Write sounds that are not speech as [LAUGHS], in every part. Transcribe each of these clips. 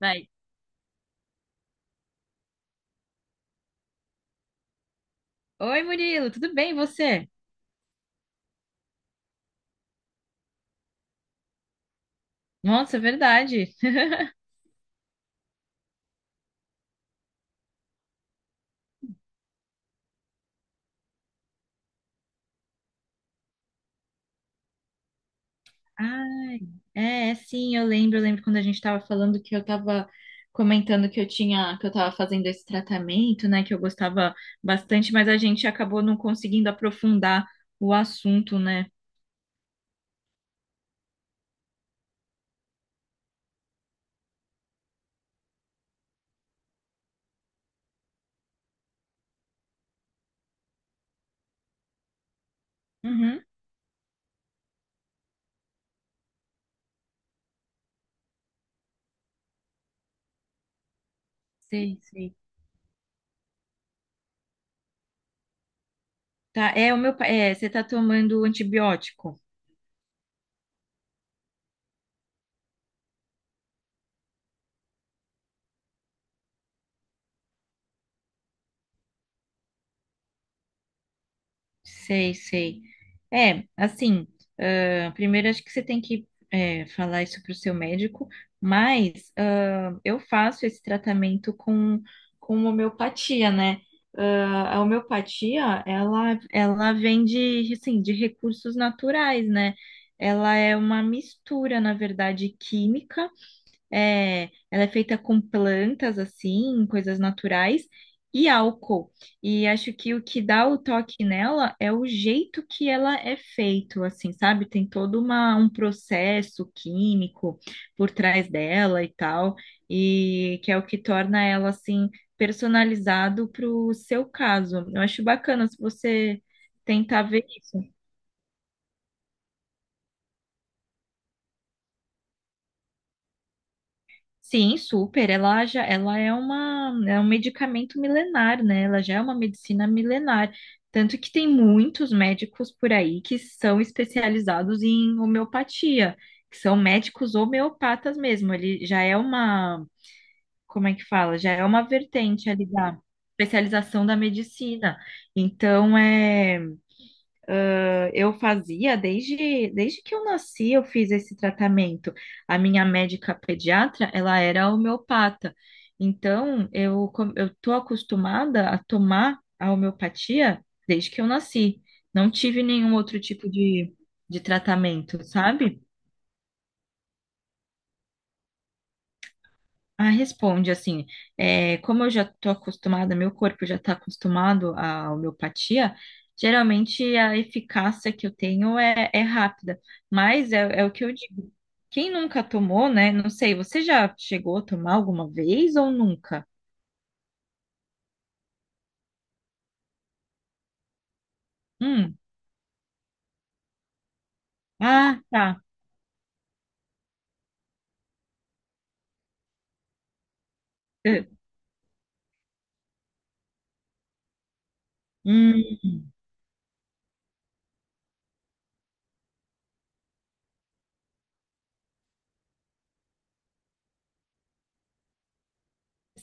Vai. Oi, Murilo, tudo bem, e você? Nossa, é verdade. Ai, sim, eu lembro quando a gente estava falando que eu estava comentando que eu estava fazendo esse tratamento, né, que eu gostava bastante, mas a gente acabou não conseguindo aprofundar o assunto, né? Uhum, sei, sei. Tá, é o meu, é, você tá tomando antibiótico? Sei, sei. É, assim, ah, primeiro acho que você tem que é, falar isso para o seu médico, mas ah, eu faço esse tratamento com homeopatia, né? A homeopatia, ela vem de, assim, de recursos naturais, né? Ela é uma mistura, na verdade, química. É, ela é feita com plantas, assim, coisas naturais e álcool. E acho que o que dá o toque nela é o jeito que ela é feito, assim, sabe? Tem todo uma, um processo químico por trás dela e tal, e que é o que torna ela, assim, personalizado para o seu caso. Eu acho bacana se você tentar ver isso. Sim, super. Ela já, ela é uma, é um medicamento milenar, né? Ela já é uma medicina milenar. Tanto que tem muitos médicos por aí que são especializados em homeopatia, que são médicos homeopatas mesmo. Ele já é uma, como é que fala? Já é uma vertente ali da especialização da medicina. Então, é eu fazia desde que eu nasci, eu fiz esse tratamento. A minha médica pediatra, ela era homeopata. Então, eu tô acostumada a tomar a homeopatia desde que eu nasci. Não tive nenhum outro tipo de tratamento, sabe? Ah, responde assim, é, como eu já estou acostumada, meu corpo já está acostumado à homeopatia, geralmente a eficácia que eu tenho é rápida, mas é o que eu digo. Quem nunca tomou, né? Não sei, você já chegou a tomar alguma vez ou nunca? Hum, ah, tá. Eh,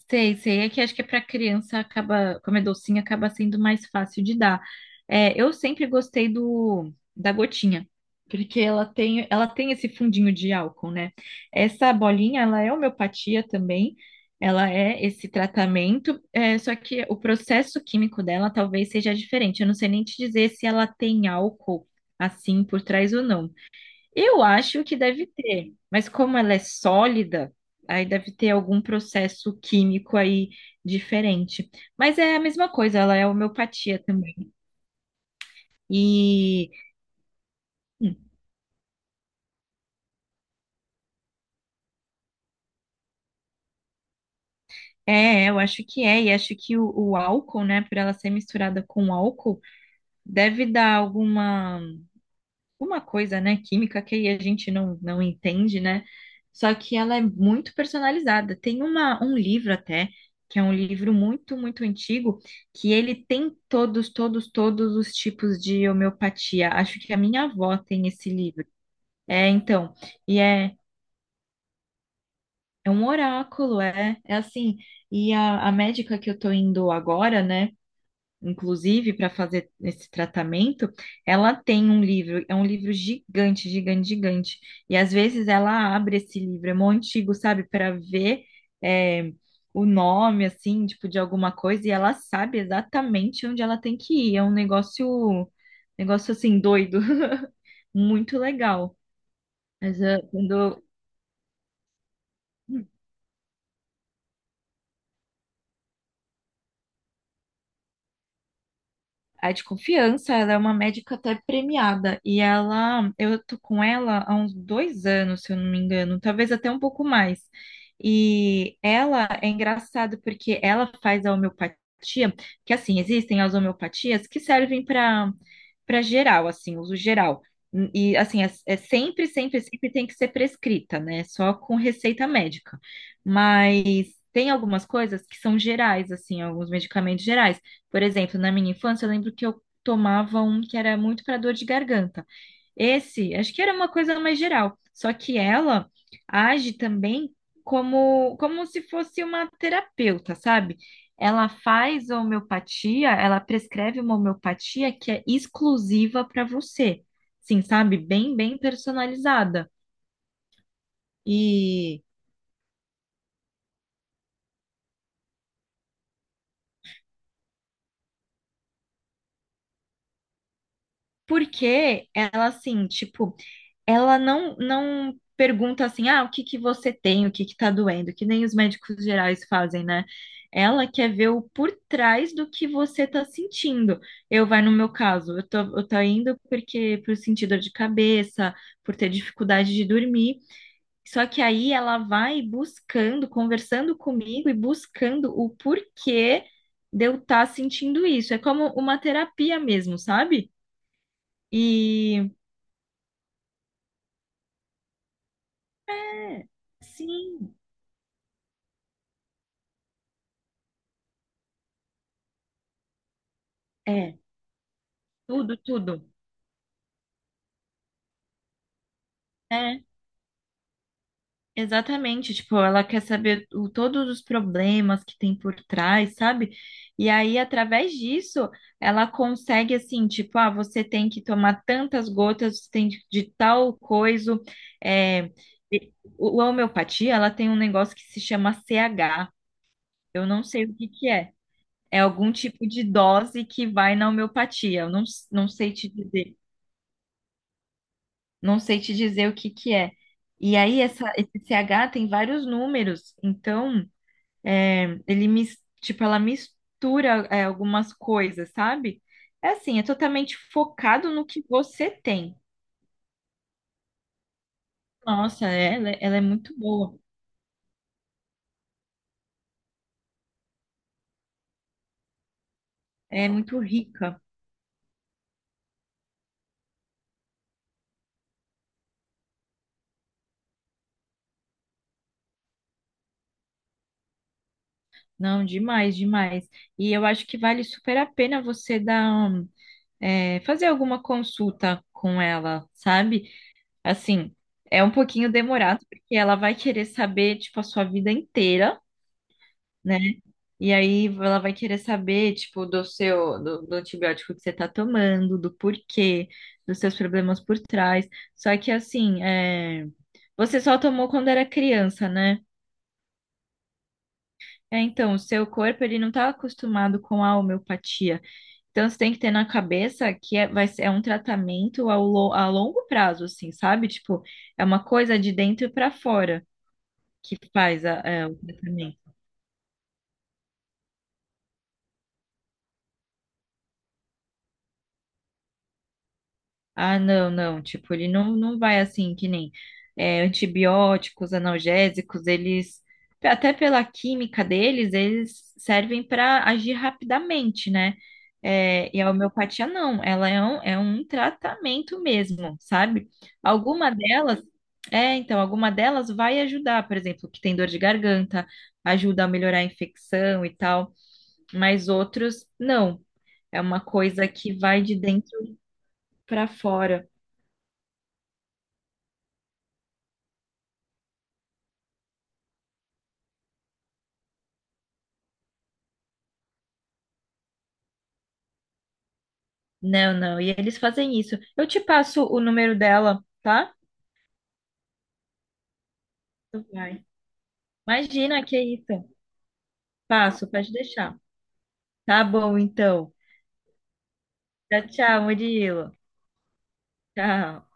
Sei, sei. É que acho que para criança acaba, como é docinho, acaba sendo mais fácil de dar. É, eu sempre gostei do da gotinha, porque ela tem esse fundinho de álcool, né? Essa bolinha, ela é homeopatia também. Ela é esse tratamento, é, só que o processo químico dela talvez seja diferente. Eu não sei nem te dizer se ela tem álcool assim por trás ou não. Eu acho que deve ter, mas como ela é sólida, aí deve ter algum processo químico aí diferente. Mas é a mesma coisa, ela é homeopatia também. E hum, é, eu acho que é, e acho que o álcool, né, por ela ser misturada com álcool, deve dar alguma uma coisa, né, química que a gente não, não entende, né? Só que ela é muito personalizada. Tem uma, um livro até, que é um livro muito, muito antigo, que ele tem todos, todos, todos os tipos de homeopatia. Acho que a minha avó tem esse livro. É, então, e é um oráculo, é assim. E a médica que eu tô indo agora, né? inclusive, para fazer esse tratamento, ela tem um livro, é um livro gigante, gigante, gigante. E às vezes ela abre esse livro, é mó antigo, sabe, para ver é, o nome, assim, tipo, de alguma coisa, e ela sabe exatamente onde ela tem que ir. É um negócio, negócio assim, doido, [LAUGHS] muito legal. Mas quando. A de confiança, ela é uma médica até premiada. E ela, eu tô com ela há uns 2 anos, se eu não me engano, talvez até um pouco mais. E ela é engraçado porque ela faz a homeopatia, que assim, existem as homeopatias que servem para geral, assim, uso geral. E assim, é sempre, sempre, sempre tem que ser prescrita, né? Só com receita médica. Mas tem algumas coisas que são gerais, assim, alguns medicamentos gerais. Por exemplo, na minha infância, eu lembro que eu tomava um que era muito para dor de garganta. Esse, acho que era uma coisa mais geral. Só que ela age também como, se fosse uma terapeuta, sabe? Ela faz homeopatia, ela prescreve uma homeopatia que é exclusiva para você. Sim, sabe? Bem, bem personalizada. E porque ela, assim, tipo, ela não, não pergunta assim, ah, o que que você tem, o que que tá doendo, que nem os médicos gerais fazem, né? Ela quer ver o por trás do que você tá sentindo. Eu, vai no meu caso, eu tô indo porque por sentir dor de cabeça, por ter dificuldade de dormir. Só que aí ela vai buscando, conversando comigo e buscando o porquê de eu estar sentindo isso. É como uma terapia mesmo, sabe? E sim, é, tudo, tudo. É, exatamente. Tipo, ela quer saber o, todos os problemas que tem por trás, sabe? E aí, através disso, ela consegue, assim, tipo, ah, você tem que tomar tantas gotas, você tem de tal coisa. É, e- o, a homeopatia, ela tem um negócio que se chama CH. Eu não sei o que que é. É algum tipo de dose que vai na homeopatia. Eu não, não sei te dizer. Não sei te dizer o que que é. E aí, essa, esse CH tem vários números, então é, tipo, ela mistura é, algumas coisas, sabe? É assim, é totalmente focado no que você tem. Nossa, ela é muito boa, é muito rica. Não, demais, demais. E eu acho que vale super a pena você dar, um, é, fazer alguma consulta com ela, sabe? Assim, é um pouquinho demorado, porque ela vai querer saber, tipo, a sua vida inteira, né? E aí ela vai querer saber, tipo, do seu, do antibiótico que você tá tomando, do porquê, dos seus problemas por trás. Só que, assim, é, você só tomou quando era criança, né? É, então, o seu corpo, ele não tá acostumado com a homeopatia. Então, você tem que ter na cabeça que é, vai ser, é um tratamento a longo prazo, assim, sabe? Tipo, é uma coisa de dentro pra fora. Que faz é, o tratamento. Ah, não, não, tipo, ele não, não vai assim, que nem é, antibióticos, analgésicos, eles, até pela química deles, eles servem para agir rapidamente, né? É, e a homeopatia não, ela é um, tratamento mesmo, sabe? Alguma delas, é, então, alguma delas vai ajudar, por exemplo, que tem dor de garganta, ajuda a melhorar a infecção e tal, mas outros não. É uma coisa que vai de dentro pra fora. Não, não. E eles fazem isso. Eu te passo o número dela, tá? Tu vai. Imagina que é isso. Passo, pode deixar. Tá bom, então. Tchau, tchau, Murilo. Tchau.